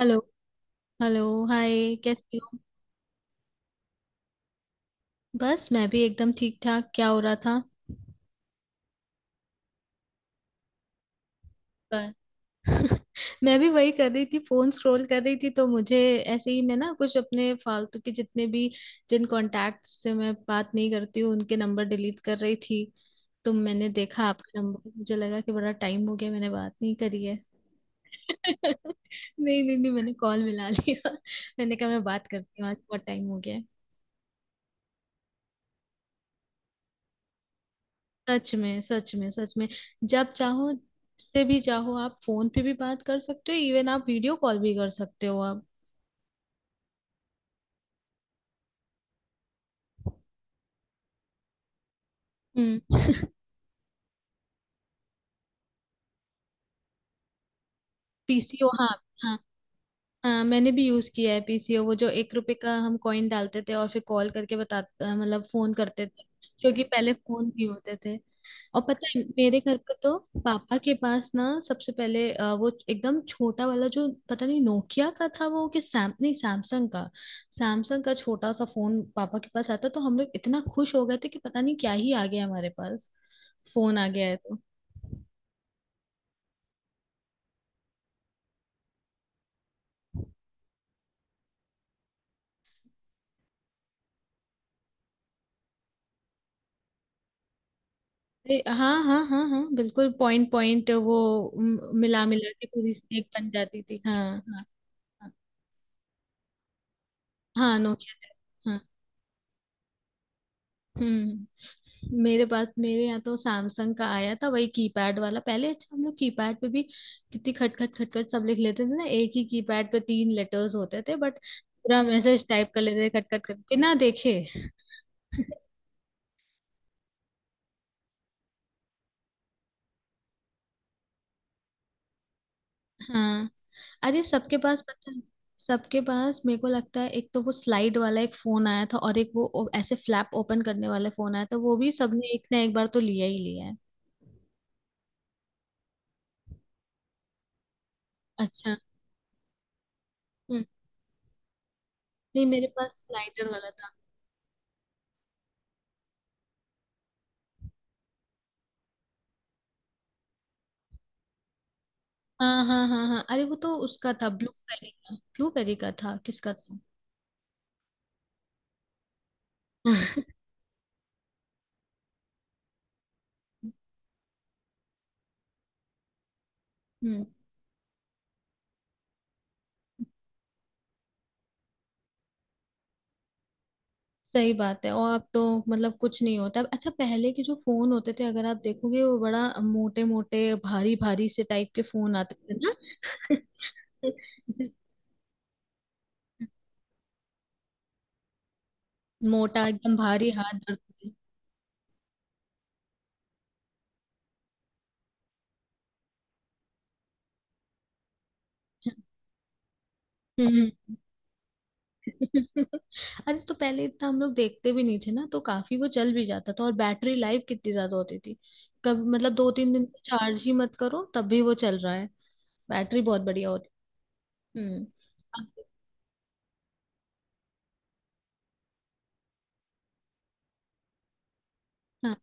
Hello. Hello. Hi, कैसी हो? बस, मैं भी एकदम ठीक ठाक। क्या हो रहा था? पर मैं भी वही कर रही थी, फोन स्क्रॉल कर रही थी। तो मुझे ऐसे ही, मैं ना कुछ अपने फालतू के जितने भी, जिन कॉन्टैक्ट से मैं बात नहीं करती हूँ, उनके नंबर डिलीट कर रही थी। तो मैंने देखा आपका नंबर, मुझे लगा कि बड़ा टाइम हो गया मैंने बात नहीं करी है। नहीं नहीं नहीं, मैंने कॉल मिला लिया। मैंने कहा मैं बात करती हूँ, आज बहुत टाइम हो गया। सच में, सच में, सच में, जब चाहो से भी चाहो आप फोन पे भी बात कर सकते हो, इवन आप वीडियो कॉल भी कर सकते हो अब। हम्म। पीसीओ, हाँ। हाँ। हाँ, मैंने भी यूज किया है पीसीओ, वो जो एक रुपए का हम कॉइन डालते थे और फिर कॉल करके बताते, मतलब फोन करते थे। क्योंकि पहले फोन भी होते थे, और पता है मेरे घर पे तो पापा के पास ना सबसे पहले वो एकदम छोटा वाला जो, पता नहीं नोकिया का था वो कि सैम नहीं, सैमसंग का। सैमसंग का छोटा सा फोन पापा के पास आता, तो हम लोग इतना खुश हो गए थे कि पता नहीं क्या ही आ गया हमारे पास, फोन आ गया है तो। अरे हाँ हाँ हाँ हाँ बिल्कुल, पॉइंट पॉइंट वो मिला मिला के पूरी स्नेक बन जाती थी। हाँ हाँ, हाँ हाँ, नोकिया हाँ। हम्म। मेरे पास, मेरे यहाँ तो सैमसंग का आया था, वही कीपैड वाला पहले। अच्छा, हम लोग कीपैड पे भी कितनी खट खट खट खट सब लिख लेते थे ना, एक ही कीपैड पे तीन लेटर्स होते थे, बट पूरा मैसेज टाइप कर लेते थे, खट खट खट बिना देखे। हाँ। अरे सबके पास, पता है सबके पास, मेरे को लगता है एक तो वो स्लाइड वाला एक फोन आया था, और एक वो ऐसे फ्लैप ओपन करने वाला फोन आया था, वो भी सबने एक ना एक बार तो लिया ही लिया है। अच्छा। हम्म। नहीं, मेरे पास स्लाइडर वाला था। हाँ हाँ हाँ हाँ, अरे वो तो उसका था, ब्लूबेरी का, ब्लूबेरी का था, किसका था? हम्म। सही बात है, और अब तो मतलब कुछ नहीं होता अब। अच्छा, पहले के जो फोन होते थे अगर आप देखोगे, वो बड़ा मोटे मोटे भारी भारी से टाइप के फोन आते थे ना। मोटा, अब एकदम भारी, हाथ दर्द होते हैं। हम्म। अरे, तो पहले इतना हम लोग देखते भी नहीं थे ना, तो काफी वो चल भी जाता था। और बैटरी लाइफ कितनी ज्यादा होती थी, कब मतलब दो तीन दिन चार्ज ही मत करो, तब भी वो चल रहा है। बैटरी बहुत बढ़िया होती। हम्म। अब- हाँ,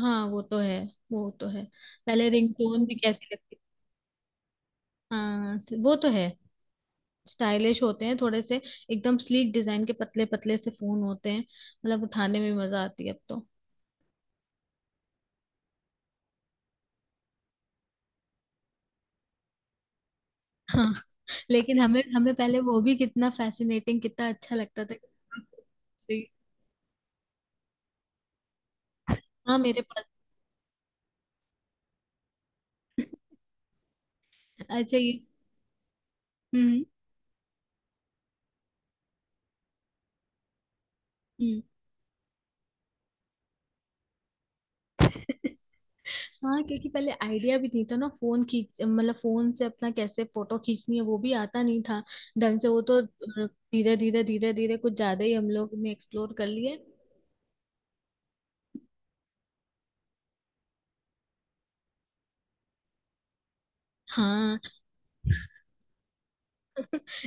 हाँ वो तो है, वो तो है। पहले रिंगटोन भी कैसी लगती। हाँ, वो तो है, स्टाइलिश होते हैं थोड़े से, एकदम स्लीक डिजाइन के पतले पतले से फोन होते हैं, मतलब उठाने में मजा आती है अब तो। हाँ। लेकिन हमें हमें पहले वो भी कितना फैसिनेटिंग, कितना अच्छा लगता था। हाँ मेरे पास है। अच्छा ये। हम्म। हम्म। हाँ, क्योंकि पहले आइडिया भी नहीं था ना, फोन खींच मतलब फोन से अपना कैसे फोटो खींचनी है वो भी आता नहीं था ढंग से, वो तो धीरे धीरे धीरे धीरे कुछ ज्यादा ही हम लोग ने एक्सप्लोर कर लिए। हाँ,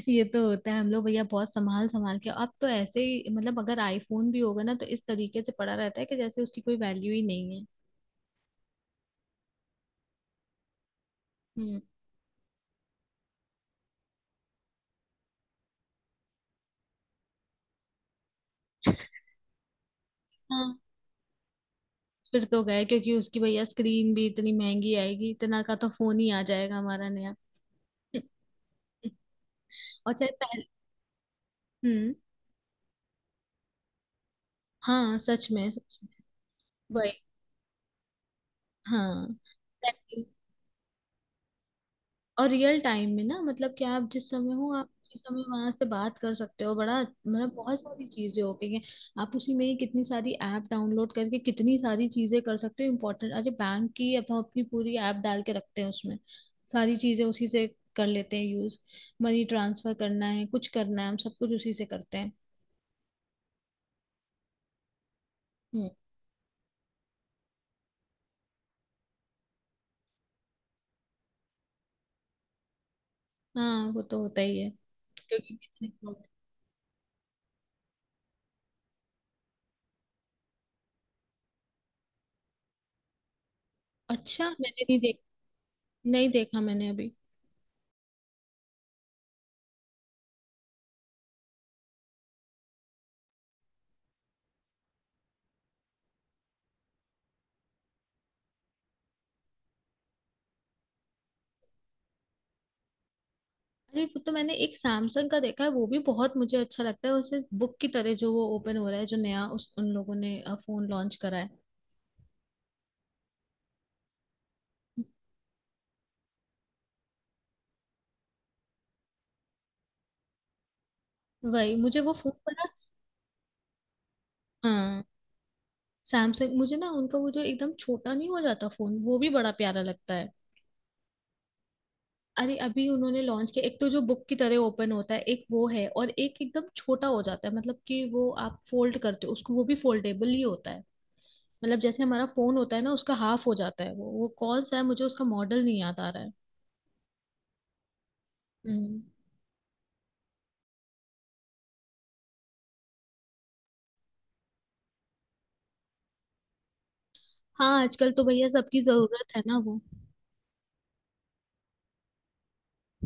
ये तो होता है। हम लोग भैया बहुत संभाल संभाल के, अब तो ऐसे ही, मतलब अगर आईफोन भी होगा ना, तो इस तरीके से पड़ा रहता है कि जैसे उसकी कोई वैल्यू ही नहीं है। हम्म। हाँ। फिर तो गए, क्योंकि उसकी भैया स्क्रीन भी इतनी महंगी आएगी, इतना का तो फोन ही आ जाएगा हमारा नया। और चाहे पहले। हम्म। हाँ सच में, सच में। वही। हाँ। और रियल टाइम में ना, मतलब कि आप जिस समय हो आप उसी समय वहां से बात कर सकते हो, बड़ा मतलब बहुत सारी चीजें हो गई हैं। आप उसी में ही कितनी सारी ऐप डाउनलोड करके कितनी सारी चीजें कर सकते हो, इम्पोर्टेंट, अरे बैंक की अब हम अपनी पूरी ऐप डाल के रखते हैं उसमें। सारी चीजें उसी से कर लेते हैं यूज। मनी ट्रांसफर करना है, कुछ करना है, हम सब कुछ उसी से करते हैं। हम्म। हाँ, वो तो होता ही है, क्योंकि। अच्छा, मैंने नहीं देख। नहीं देखा मैंने अभी। अरे, वो तो मैंने एक सैमसंग का देखा है, वो भी बहुत मुझे अच्छा लगता है, उसे बुक की तरह जो वो ओपन हो रहा है, जो नया उस उन लोगों ने फोन लॉन्च करा है। वही मुझे वो फोन बड़ा। हाँ। सैमसंग, मुझे ना उनका वो जो एकदम छोटा नहीं हो जाता फोन, वो भी बड़ा प्यारा लगता है। अरे अभी उन्होंने लॉन्च किया एक तो, जो बुक की तरह ओपन होता है एक वो है, और एक एकदम छोटा हो जाता है, मतलब कि वो आप फोल्ड करते हो उसको, वो भी फोल्डेबल ही होता है। मतलब जैसे हमारा फोन होता है ना, उसका हाफ हो जाता है वो कौन सा है, मुझे उसका मॉडल नहीं याद आ रहा है। हम्म। हाँ आजकल तो भैया सबकी जरूरत है ना वो।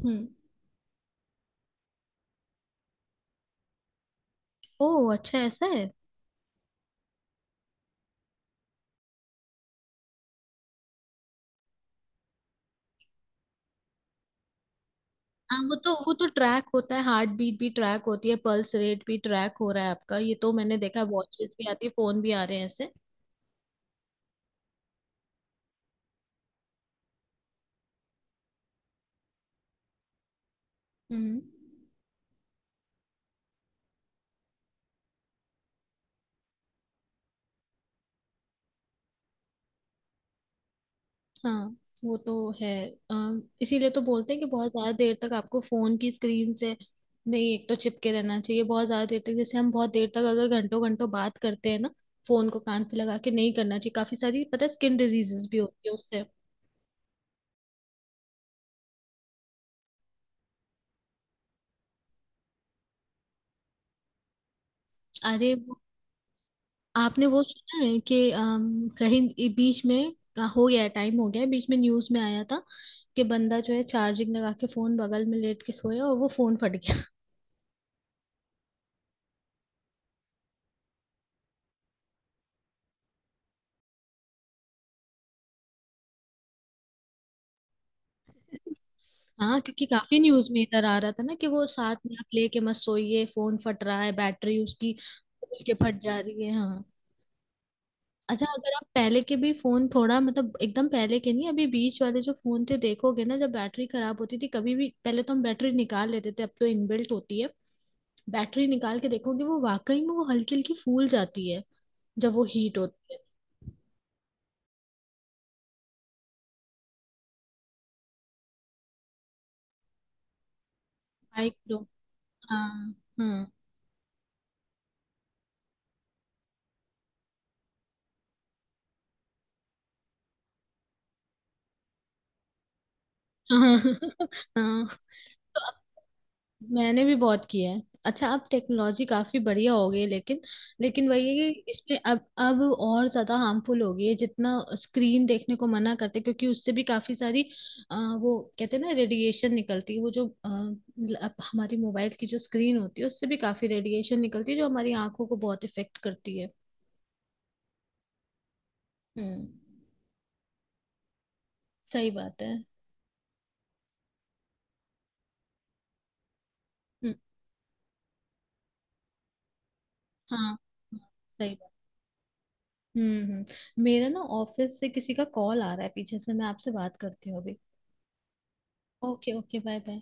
हम्म। ओह अच्छा, ऐसा है। हाँ वो तो, वो तो ट्रैक होता है, हार्ट बीट भी ट्रैक होती है, पल्स रेट भी ट्रैक हो रहा है आपका, ये तो मैंने देखा है। वॉचेस भी आती है, फोन भी आ रहे हैं ऐसे। हम्म। हाँ वो तो है। इसीलिए तो बोलते हैं कि बहुत ज्यादा देर तक आपको फोन की स्क्रीन से नहीं, एक तो चिपके रहना चाहिए बहुत ज्यादा देर तक, जैसे हम बहुत देर तक अगर घंटों घंटों बात करते हैं ना, फोन को कान पे लगा के नहीं करना चाहिए, काफी सारी पता है स्किन डिजीजेस भी होती है उससे। अरे आपने वो सुना है कि कहीं ये बीच में हो गया, टाइम हो गया है, बीच में न्यूज में आया था कि बंदा जो है चार्जिंग लगा के फोन बगल में लेट के सोया, और वो फोन फट गया। हाँ, क्योंकि काफी न्यूज में इधर आ रहा था ना, कि वो साथ में आप लेके मत सोइए, फोन फट रहा है, बैटरी उसकी खोल के फट जा रही है। हाँ। अच्छा, अगर आप पहले के भी फोन थोड़ा मतलब, एकदम पहले के नहीं, अभी बीच वाले जो फोन थे देखोगे ना, जब बैटरी खराब होती थी कभी भी, पहले तो हम बैटरी निकाल लेते थे, अब तो इनबिल्ट होती है। बैटरी निकाल के देखोगे वो वाकई में वो हल्की हल्की फूल जाती है, जब वो हीट होती है। बाइक लो। हाँ। हाँ। हाँ। हाँ। तो अब, मैंने भी बहुत किया है। अच्छा अब टेक्नोलॉजी काफी बढ़िया हो गई है, लेकिन लेकिन वही है कि इसमें अब, और ज्यादा हार्मफुल हो गई है, जितना स्क्रीन देखने को मना करते हैं, क्योंकि उससे भी काफी सारी अ, वो कहते हैं ना रेडिएशन निकलती है, वो जो अब हमारी मोबाइल की जो स्क्रीन होती है उससे भी काफी रेडिएशन निकलती है, जो हमारी आंखों को बहुत इफेक्ट करती है। हम्म। सही बात है। हम्म। हाँ, सही बात। हम्म, हम्म, मेरा ना ऑफिस से किसी का कॉल आ रहा है पीछे से, मैं आपसे बात करती हूँ अभी। Okay, okay, bye bye.